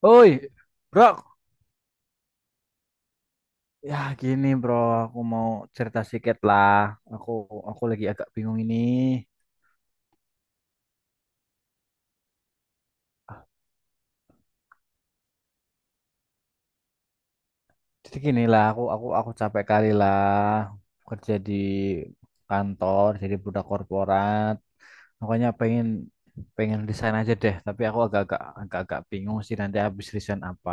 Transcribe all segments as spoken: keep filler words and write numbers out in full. Oi, bro. Ya gini, bro, aku mau cerita sedikit lah. Aku aku lagi agak bingung ini. Jadi gini lah, aku aku aku capek kali lah kerja di kantor, jadi budak korporat. Makanya pengen pengen resign aja deh. Tapi aku agak-agak agak-agak bingung sih nanti habis resign apa.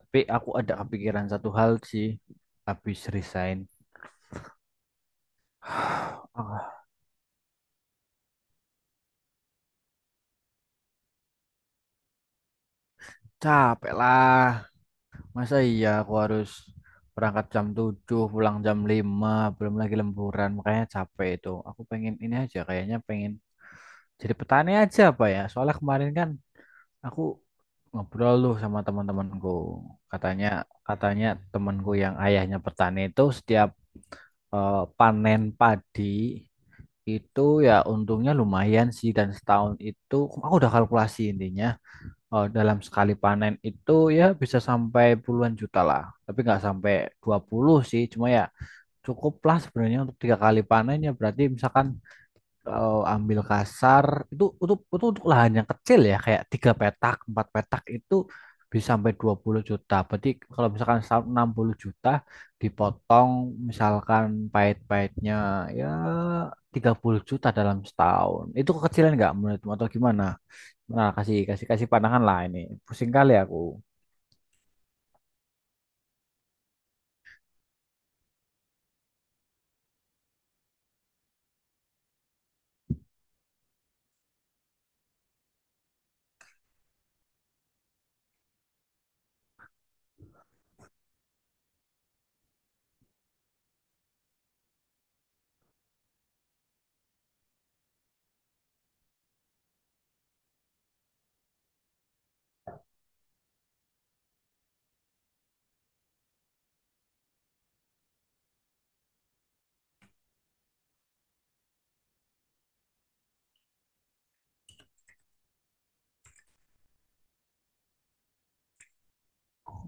Tapi aku ada kepikiran satu hal sih habis resign. Ah, Capek lah. Masa iya aku harus berangkat jam tujuh, pulang jam lima, belum lagi lemburan, makanya capek itu. Aku pengen ini aja, kayaknya pengen jadi petani aja apa ya. Soalnya kemarin kan aku ngobrol tuh sama teman-temanku. Katanya katanya temanku yang ayahnya petani itu setiap eh, panen padi itu ya untungnya lumayan sih, dan setahun itu aku udah kalkulasi intinya. Oh, dalam sekali panen itu ya bisa sampai puluhan juta lah. Tapi nggak sampai dua puluh sih. Cuma ya cukup lah sebenarnya untuk tiga kali panen ya. Berarti misalkan kalau ambil kasar, itu untuk itu untuk lahan yang kecil ya, kayak tiga petak, empat petak itu bisa sampai dua puluh juta. Berarti kalau misalkan setahun enam puluh juta, dipotong misalkan pahit-pahitnya ya tiga puluh juta dalam setahun. Itu kekecilan nggak menurutmu atau gimana? Nah, kasih kasih kasih pandangan lah ini. Pusing kali aku.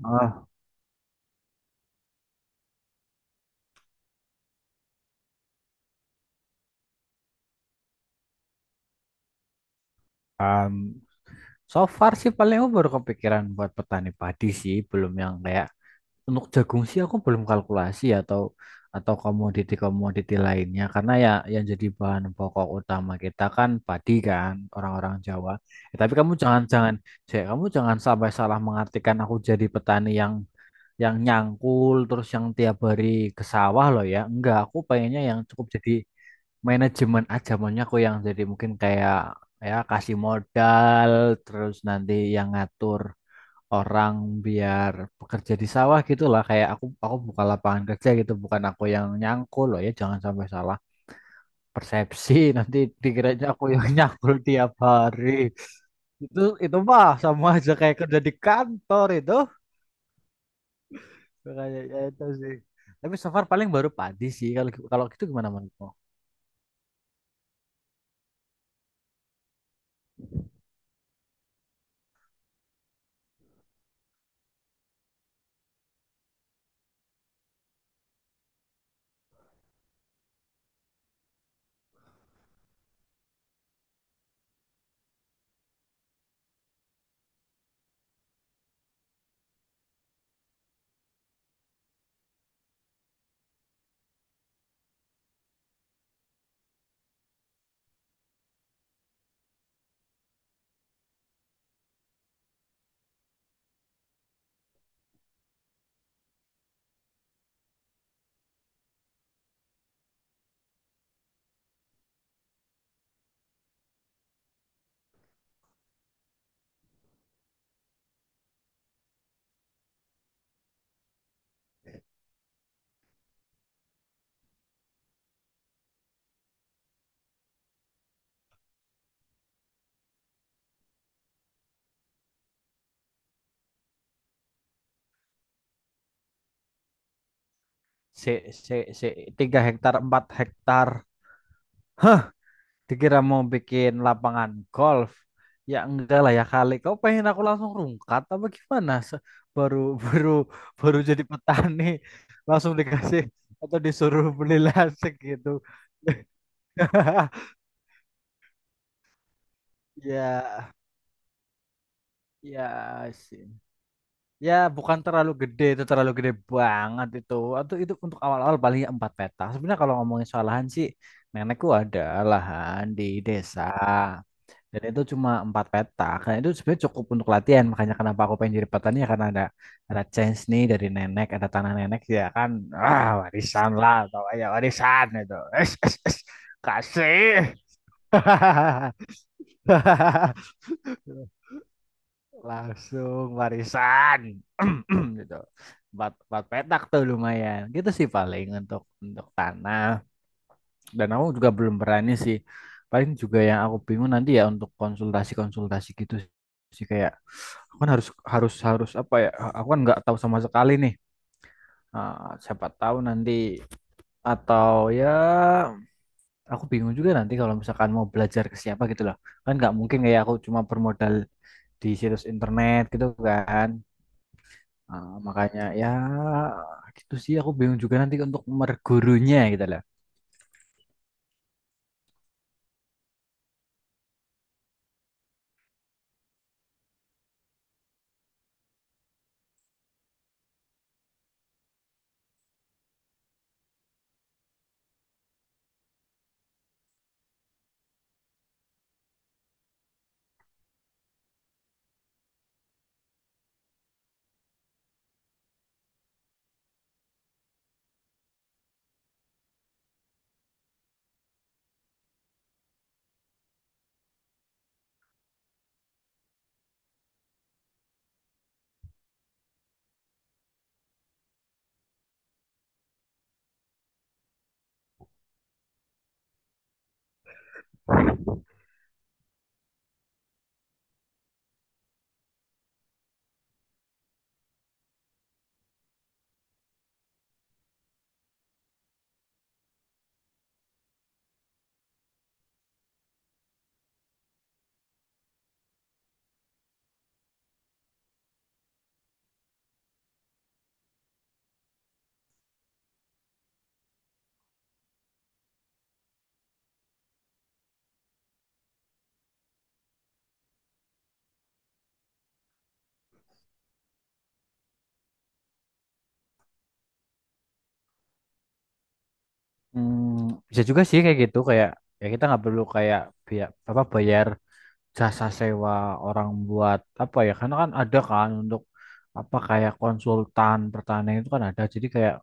Ah, um, so far sih, paling aku baru kepikiran buat petani padi sih, belum yang kayak untuk jagung sih aku belum kalkulasi, atau atau komoditi-komoditi lainnya, karena ya yang jadi bahan pokok utama kita kan padi kan, orang-orang Jawa. Eh, tapi kamu jangan-jangan, Jek, kamu jangan sampai salah mengartikan aku jadi petani yang yang nyangkul terus, yang tiap hari ke sawah loh ya. Enggak, aku pengennya yang cukup jadi manajemen ajamannya, aku yang jadi mungkin kayak, ya kasih modal terus nanti yang ngatur orang biar bekerja di sawah gitu lah, kayak aku aku buka lapangan kerja gitu, bukan aku yang nyangkul loh ya, jangan sampai salah persepsi nanti dikiranya aku yang nyangkul tiap hari. Itu itu mah sama aja kayak kerja di kantor itu, kayak ya itu sih. Tapi so far paling baru padi sih, kalau kalau gitu gimana menurutmu? Se, se, se, Tiga hektar empat hektar, dikira mau bikin lapangan golf ya. Enggak lah ya, kali kau pengen aku langsung rungkat apa gimana. Se- baru baru baru jadi petani langsung dikasih atau disuruh beli lasik gitu. Ya, ya sih, ya bukan terlalu gede itu, terlalu gede banget itu. Atau itu untuk awal-awal paling ya empat peta sebenarnya. Kalau ngomongin soal lahan sih, nenekku ada lahan di desa. Dan itu cuma empat peta. Karena itu sebenarnya cukup untuk latihan. Makanya kenapa aku pengen jadi petani ya karena ada ada chance nih dari nenek, ada tanah nenek ya kan. Ah, warisan lah, atau ya warisan itu. Es, es, es. Kasih. Langsung warisan. Gitu. Empat, empat petak tuh lumayan. Gitu sih paling untuk untuk tanah. Dan aku juga belum berani sih. Paling juga yang aku bingung nanti ya untuk konsultasi-konsultasi gitu sih, kayak aku kan harus harus harus apa ya? Aku kan nggak tahu sama sekali nih. Ah, siapa tahu nanti, atau ya aku bingung juga nanti kalau misalkan mau belajar ke siapa gitu loh. Kan nggak mungkin kayak aku cuma bermodal di situs internet gitu kan. Ah, makanya ya gitu sih, aku bingung juga nanti untuk mergurunya gitu loh. Hmm, bisa juga sih kayak gitu, kayak ya kita nggak perlu kayak biar apa bayar jasa sewa orang buat apa ya, karena kan ada kan untuk apa, kayak konsultan pertanian itu kan ada. Jadi kayak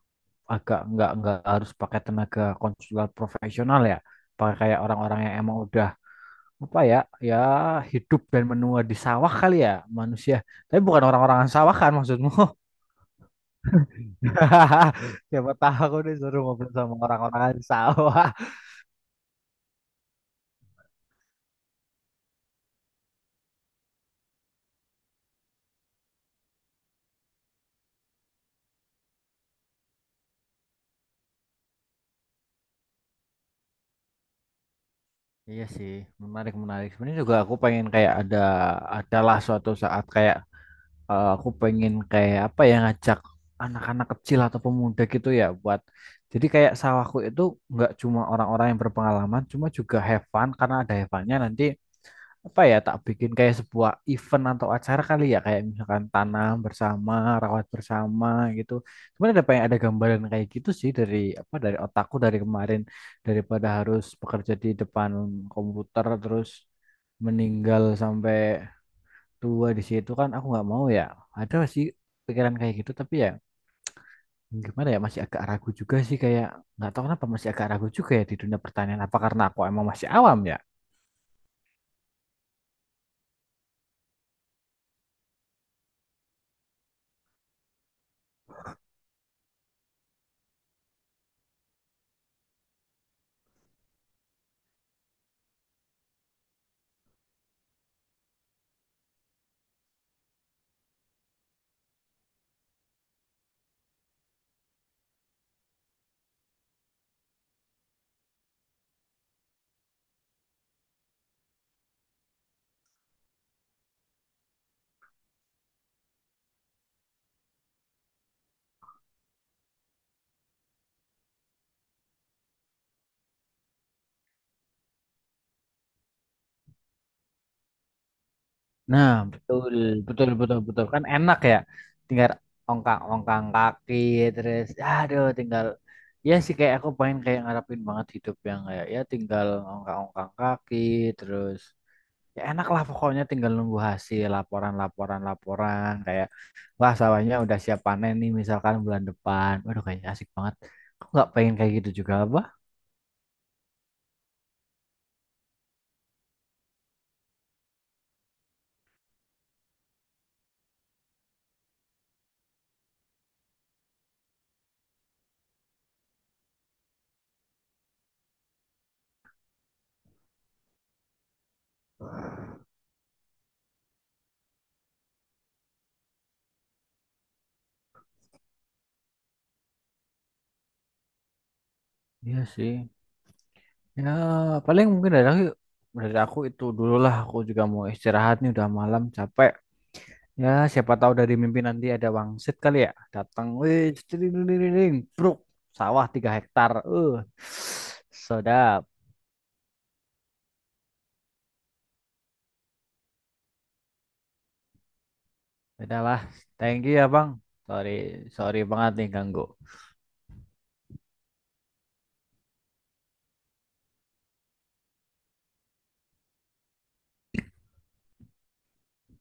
agak nggak nggak harus pakai tenaga konsultan profesional ya, pakai kayak orang-orang yang emang udah apa ya, ya hidup dan menua di sawah kali ya. Manusia, tapi bukan orang-orang sawah kan maksudmu. Siapa tahu aku disuruh ngobrol sama orang-orang sawah. Iya sih, menarik menarik. Sebenarnya juga aku pengen kayak ada adalah suatu saat, kayak eh, aku pengen kayak apa ya ngajak anak-anak kecil atau pemuda gitu ya, buat jadi kayak sawahku itu nggak cuma orang-orang yang berpengalaman, cuma juga have fun, karena ada have funnya nanti apa ya, tak bikin kayak sebuah event atau acara kali ya, kayak misalkan tanam bersama, rawat bersama gitu. Cuman ada pengen ada gambaran kayak gitu sih dari apa, dari otakku dari kemarin, daripada harus bekerja di depan komputer terus, meninggal sampai tua di situ kan aku nggak mau ya. Ada sih pikiran kayak gitu, tapi ya gimana ya, masih agak ragu juga sih, kayak nggak tahu kenapa masih agak ragu juga ya di dunia pertanian, apa karena aku emang masih awam ya. Nah, betul, betul, betul, betul. Kan enak ya, tinggal ongkang-ongkang kaki, terus, aduh, tinggal, ya sih kayak aku pengen kayak ngarepin banget hidup yang kayak, ya tinggal ongkang-ongkang kaki, terus, ya enak lah pokoknya, tinggal nunggu hasil, laporan, laporan, laporan, kayak, wah sawahnya udah siap panen nih, misalkan bulan depan. Waduh, kayaknya asik banget. Aku nggak pengen kayak gitu juga, apa? Iya sih. Ya, paling mungkin dari aku, dari aku itu dulu lah. Aku juga mau istirahat nih, udah malam capek. Ya, siapa tahu dari mimpi nanti ada wangsit kali ya. Datang, wih, ceding, bruk, sawah tiga hektar. Eh, sedap. Udah lah, thank you ya bang. Sorry, sorry banget nih ganggu.